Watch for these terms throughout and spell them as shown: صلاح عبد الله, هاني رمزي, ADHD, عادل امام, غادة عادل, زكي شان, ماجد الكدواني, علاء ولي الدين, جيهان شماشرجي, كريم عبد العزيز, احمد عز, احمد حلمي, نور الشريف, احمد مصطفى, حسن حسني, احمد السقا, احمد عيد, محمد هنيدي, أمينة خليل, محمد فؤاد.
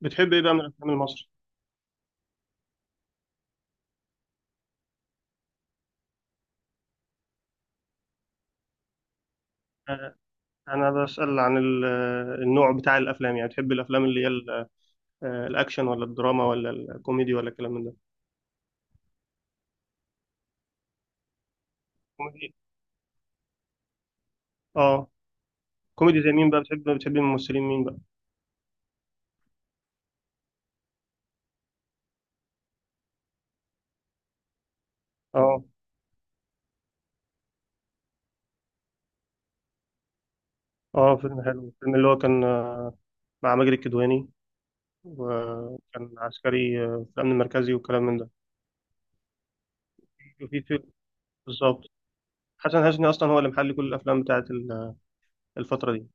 بتحب ايه بقى من الافلام المصري؟ آه، انا بسأل عن النوع بتاع الافلام، يعني بتحب الافلام اللي هي الاكشن ولا الدراما ولا الكوميدي ولا الكلام من ده. كوميدي. اه، كوميدي زي مين بقى؟ بتحب الممثلين مين بقى؟ اه. اه، فيلم حلو الفيلم اللي هو كان مع ماجد الكدواني، وكان عسكري في الامن المركزي والكلام من ده. وفي فيلم. بالظبط. حسن حسني اصلا هو اللي محل كل الافلام بتاعت الفترة دي،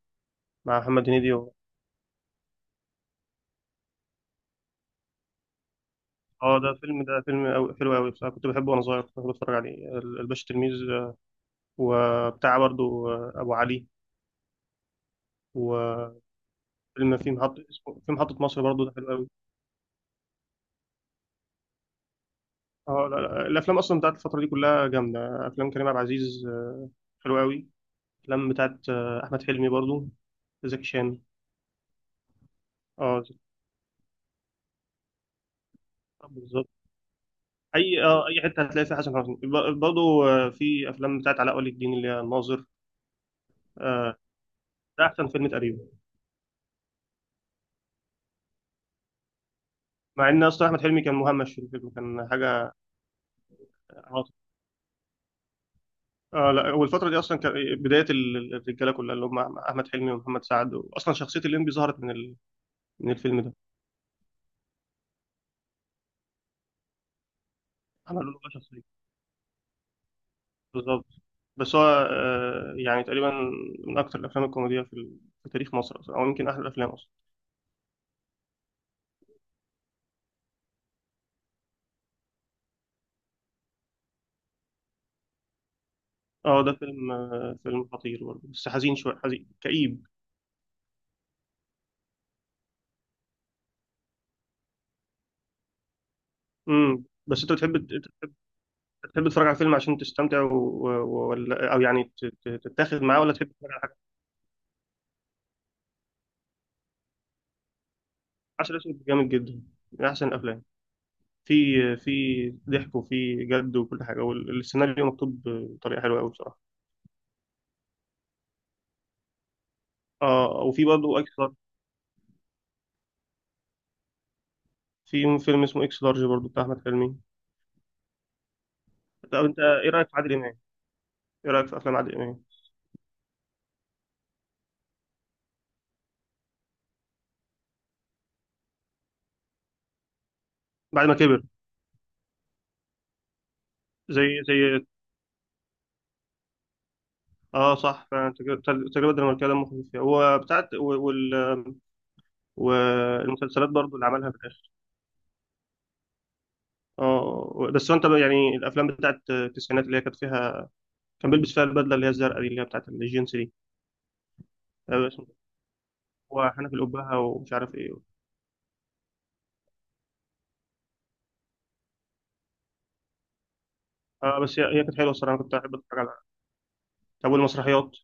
مع محمد هنيدي. اه، ده فيلم أوي حلو قوي بصراحه، كنت بحبه وانا صغير، كنت بحب اتفرج عليه الباشا تلميذ. وبتاع برضو ابو علي. وفيلم في محطه، اسمه في محطه مصر برضو، ده حلو قوي. اه، لا الافلام اصلا بتاعت الفتره دي كلها جامده. افلام كريم عبد العزيز حلوه قوي. افلام بتاعت احمد حلمي برضو، زكي شان. اه، زكي شان بالظبط. اي، اه، اي حته هتلاقي فيها حسن حسني، برضو في افلام بتاعت علاء ولي الدين اللي هي الناظر. آه، ده احسن فيلم تقريبا. مع ان اصلا احمد حلمي كان مهمش في الفيلم، كان حاجه آه، اه. لا، والفترة دي اصلا كان إيه، بداية الرجالة كلها اللي هم احمد حلمي ومحمد سعد، اصلا شخصية الليمبي ظهرت من من الفيلم ده. عملوا له بقى شخصية. بالظبط. بس هو يعني تقريبا من اكتر الافلام الكوميدية في, في تاريخ مصر اصلا، او يمكن احلى الافلام اصلا. اه ده فيلم، فيلم خطير برضه، بس حزين، شوية حزين كئيب. بس انت بتحب تتفرج على فيلم عشان تستمتع ولا او يعني تتاخد معاه، ولا تحب تتفرج على حاجة؟ عسل اسود جامد جدا. من احسن الافلام. في في ضحك وفي جد وكل حاجه، والسيناريو مكتوب بطريقه حلوه قوي بصراحه. اه، وفي برضه اكس لارج. في فيلم اسمه اكس لارج برضه بتاع احمد حلمي. طب انت ايه رايك في عادل امام؟ ايه رايك في افلام عادل امام؟ بعد ما كبر. زي، زي، اه صح، فعلا التجربه، التجربة الدنماركيه دمه خفيف فيها، هو بتاعت وال، والمسلسلات برضو اللي عملها في الاخر. اه، بس هو انت بقى، يعني الافلام بتاعت التسعينات اللي هي كانت فيها كان بيلبس فيها البدله اللي هي الزرقاء دي اللي هي بتاعت الجينز دي. اسمه إيه؟ هو حنف الأبهة ومش عارف ايه. آه، بس هي، هي كانت حلوه الصراحه، أنا كنت احب اتفرج على. طب والمسرحيات؟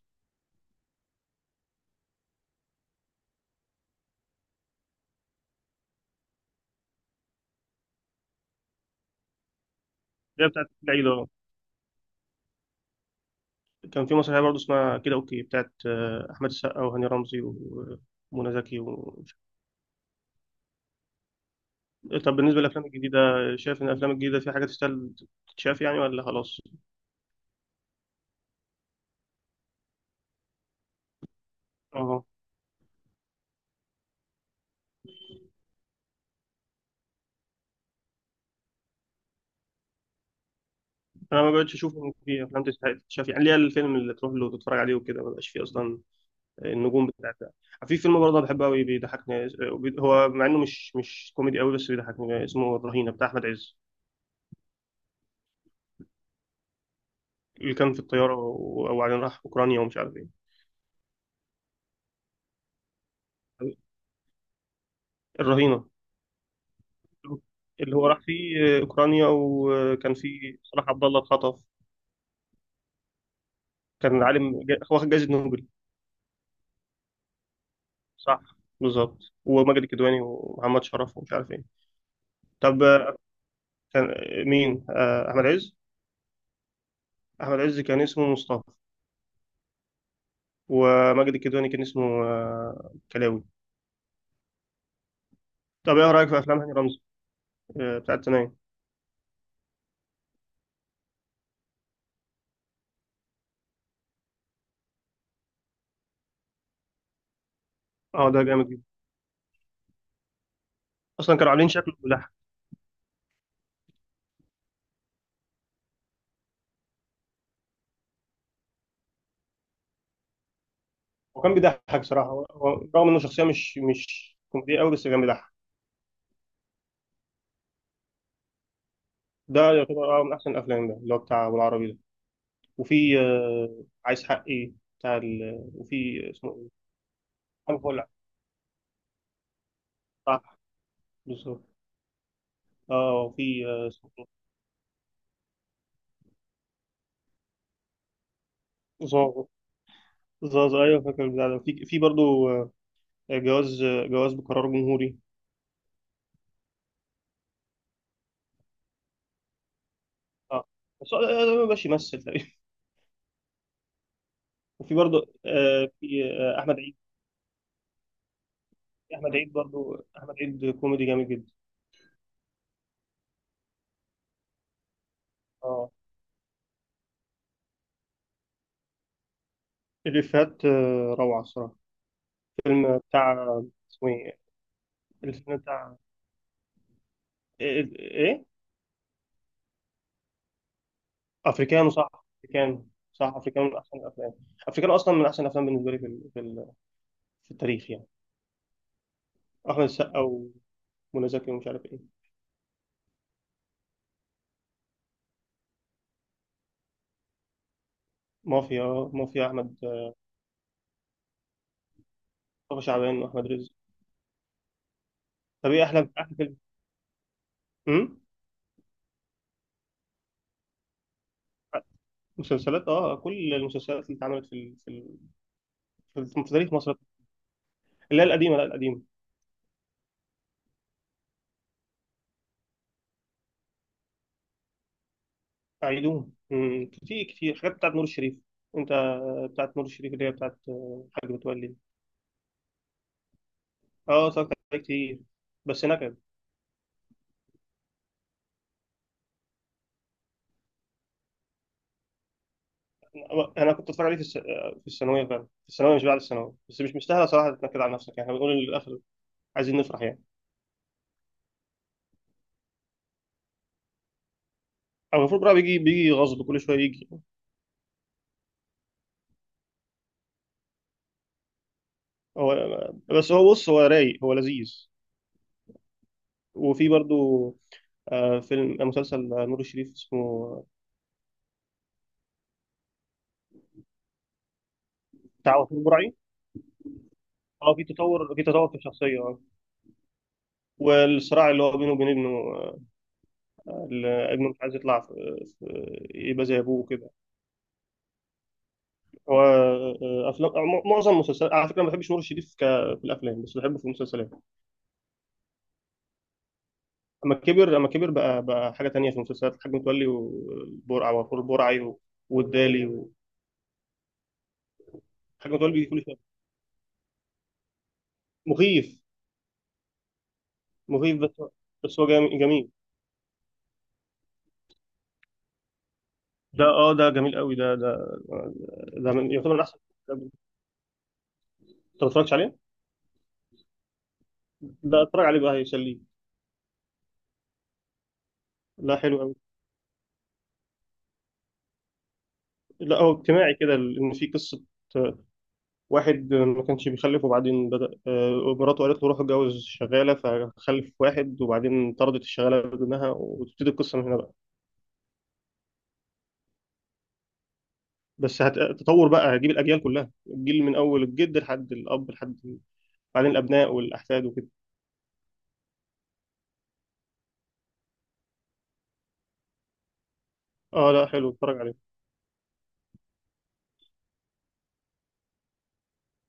اللي هي بتاعت العيد أهو. كان في مسرحيه برضه اسمها كده اوكي، بتاعت احمد السقا وهاني رمزي ومنى زكي طب بالنسبه للافلام الجديده، شايف ان الافلام الجديده في حاجه تستاهل تتشاف يعني، ولا خلاص؟ اه، انا ما بقتش اشوف ان في افلام تستحق تتشاف، يعني ليه؟ الفيلم اللي تروح له تتفرج عليه وكده ما بقاش فيه اصلا النجوم بتاعتها. في فيلم برضه أنا بحبه قوي، بيضحكني، هو مع انه مش كوميدي قوي بس بيضحكني، اسمه الرهينه بتاع احمد عز. اللي كان في الطيارة وبعدين راح أوكرانيا ومش عارف إيه. الرهينة. اللي هو راح فيه أوكرانيا وكان فيه صلاح عبد الله اتخطف. كان عالم واخد جايزة نوبل. صح. بالظبط. وماجد الكدواني ومحمد شرف ومش عارف إيه. طب كان مين؟ أحمد عز. أحمد عز كان اسمه مصطفى. وماجد الكدواني كان اسمه كلاوي. طب إيه رأيك في أفلام هاني رمزي بتاعت زمان؟ أه ده جامد جدا. أصلا كانوا عاملين شكله. هو كان بيضحك بصراحة، هو هو رغم إنه شخصية مش كوميدية أوي بس كان بيضحك. ده يعتبر أه من أحسن الأفلام، ده اللي هو بتاع أبو العربي ده. وفي عايز حقي بتاع وفي اسمه إيه؟ محمد فؤاد. صح. بالظبط. أه وفي اسمه إيه؟ زازا. زازا أيوه، فاكر البتاع ده. في في برضه آه، جواز، جواز بقرار جمهوري. أه بس هو ده ما بقاش يمثل تقريبا. وفي برضه آه، في آه، أحمد عيد. أحمد عيد برضه، أحمد عيد كوميدي جامد جدا. أه الإفيهات روعة الصراحة. فيلم بتاع، اسمه ايه؟ الفيلم بتاع ايه، إيه؟ افريكانو، صح. افريكانو. صح، افريكانو من احسن الافلام. افريكانو اصلا من احسن الافلام بالنسبه لي في في التاريخ يعني. احمد السقا ومنى زكي ومش عارف ايه. مافيا. مافيا. مصطفى شعبان واحمد رزق. طب ايه احلى فيلم؟ امم، مسلسلات. اه كل المسلسلات اللي اتعملت في في تاريخ مصر، اللي هي القديمه. لا، القديمه. عيدون امم، كتير حاجات بتاعت نور الشريف. انت بتاعت نور الشريف اللي هي بتاعت حاجه متولي. اه اتفرجت عليه كتير بس نكد. انا كنت اتفرج عليه في في الثانويه، فعلا في الثانويه مش بعد الثانويه، بس مش مستاهله صراحه تتنكد على نفسك، يعني احنا بنقول للاخر عايزين نفرح يعني. او المفروض بقى بيجي غصب، كل شويه يجي. هو، بس هو بص هو رايق، هو لذيذ. وفي برضو آه، فيلم آه، مسلسل آه، نور الشريف اسمه بتاع وفير برعي. اه، في تطور في الشخصيه، اه. والصراع اللي هو بينه وبين ابنه اللي ابنه مش عايز يطلع يبقى زي ابوه كده. هو افلام معظم المسلسلات على فكره ما بحبش نور الشريف في الافلام، بس بحبه في المسلسلات. اما كبر بقى، بقى حاجه تانية في المسلسلات، الحاج متولي والبرع وفور البرعي و... والدالي، والحاج متولي، بيجي كل شويه. مخيف. مخيف، بس هو جميل. ده اه، ده جميل قوي، ده من يعتبر من احسن. انت ما اتفرجتش عليه؟ لا اتفرج عليه بقى هيسليك. لا حلو قوي. لا هو اجتماعي كده، ان في قصه واحد ما كانش بيخلف، وبعدين بدأ مراته قالت له روح اتجوز شغالة، فخلف واحد وبعدين طردت الشغالة بدونها، وتبتدي القصة من هنا بقى. بس هتطور بقى، هجيب الأجيال كلها، الجيل من أول الجد لحد الأب لحد بعدين الأبناء والأحفاد وكده. اه لا حلو، اتفرج عليه.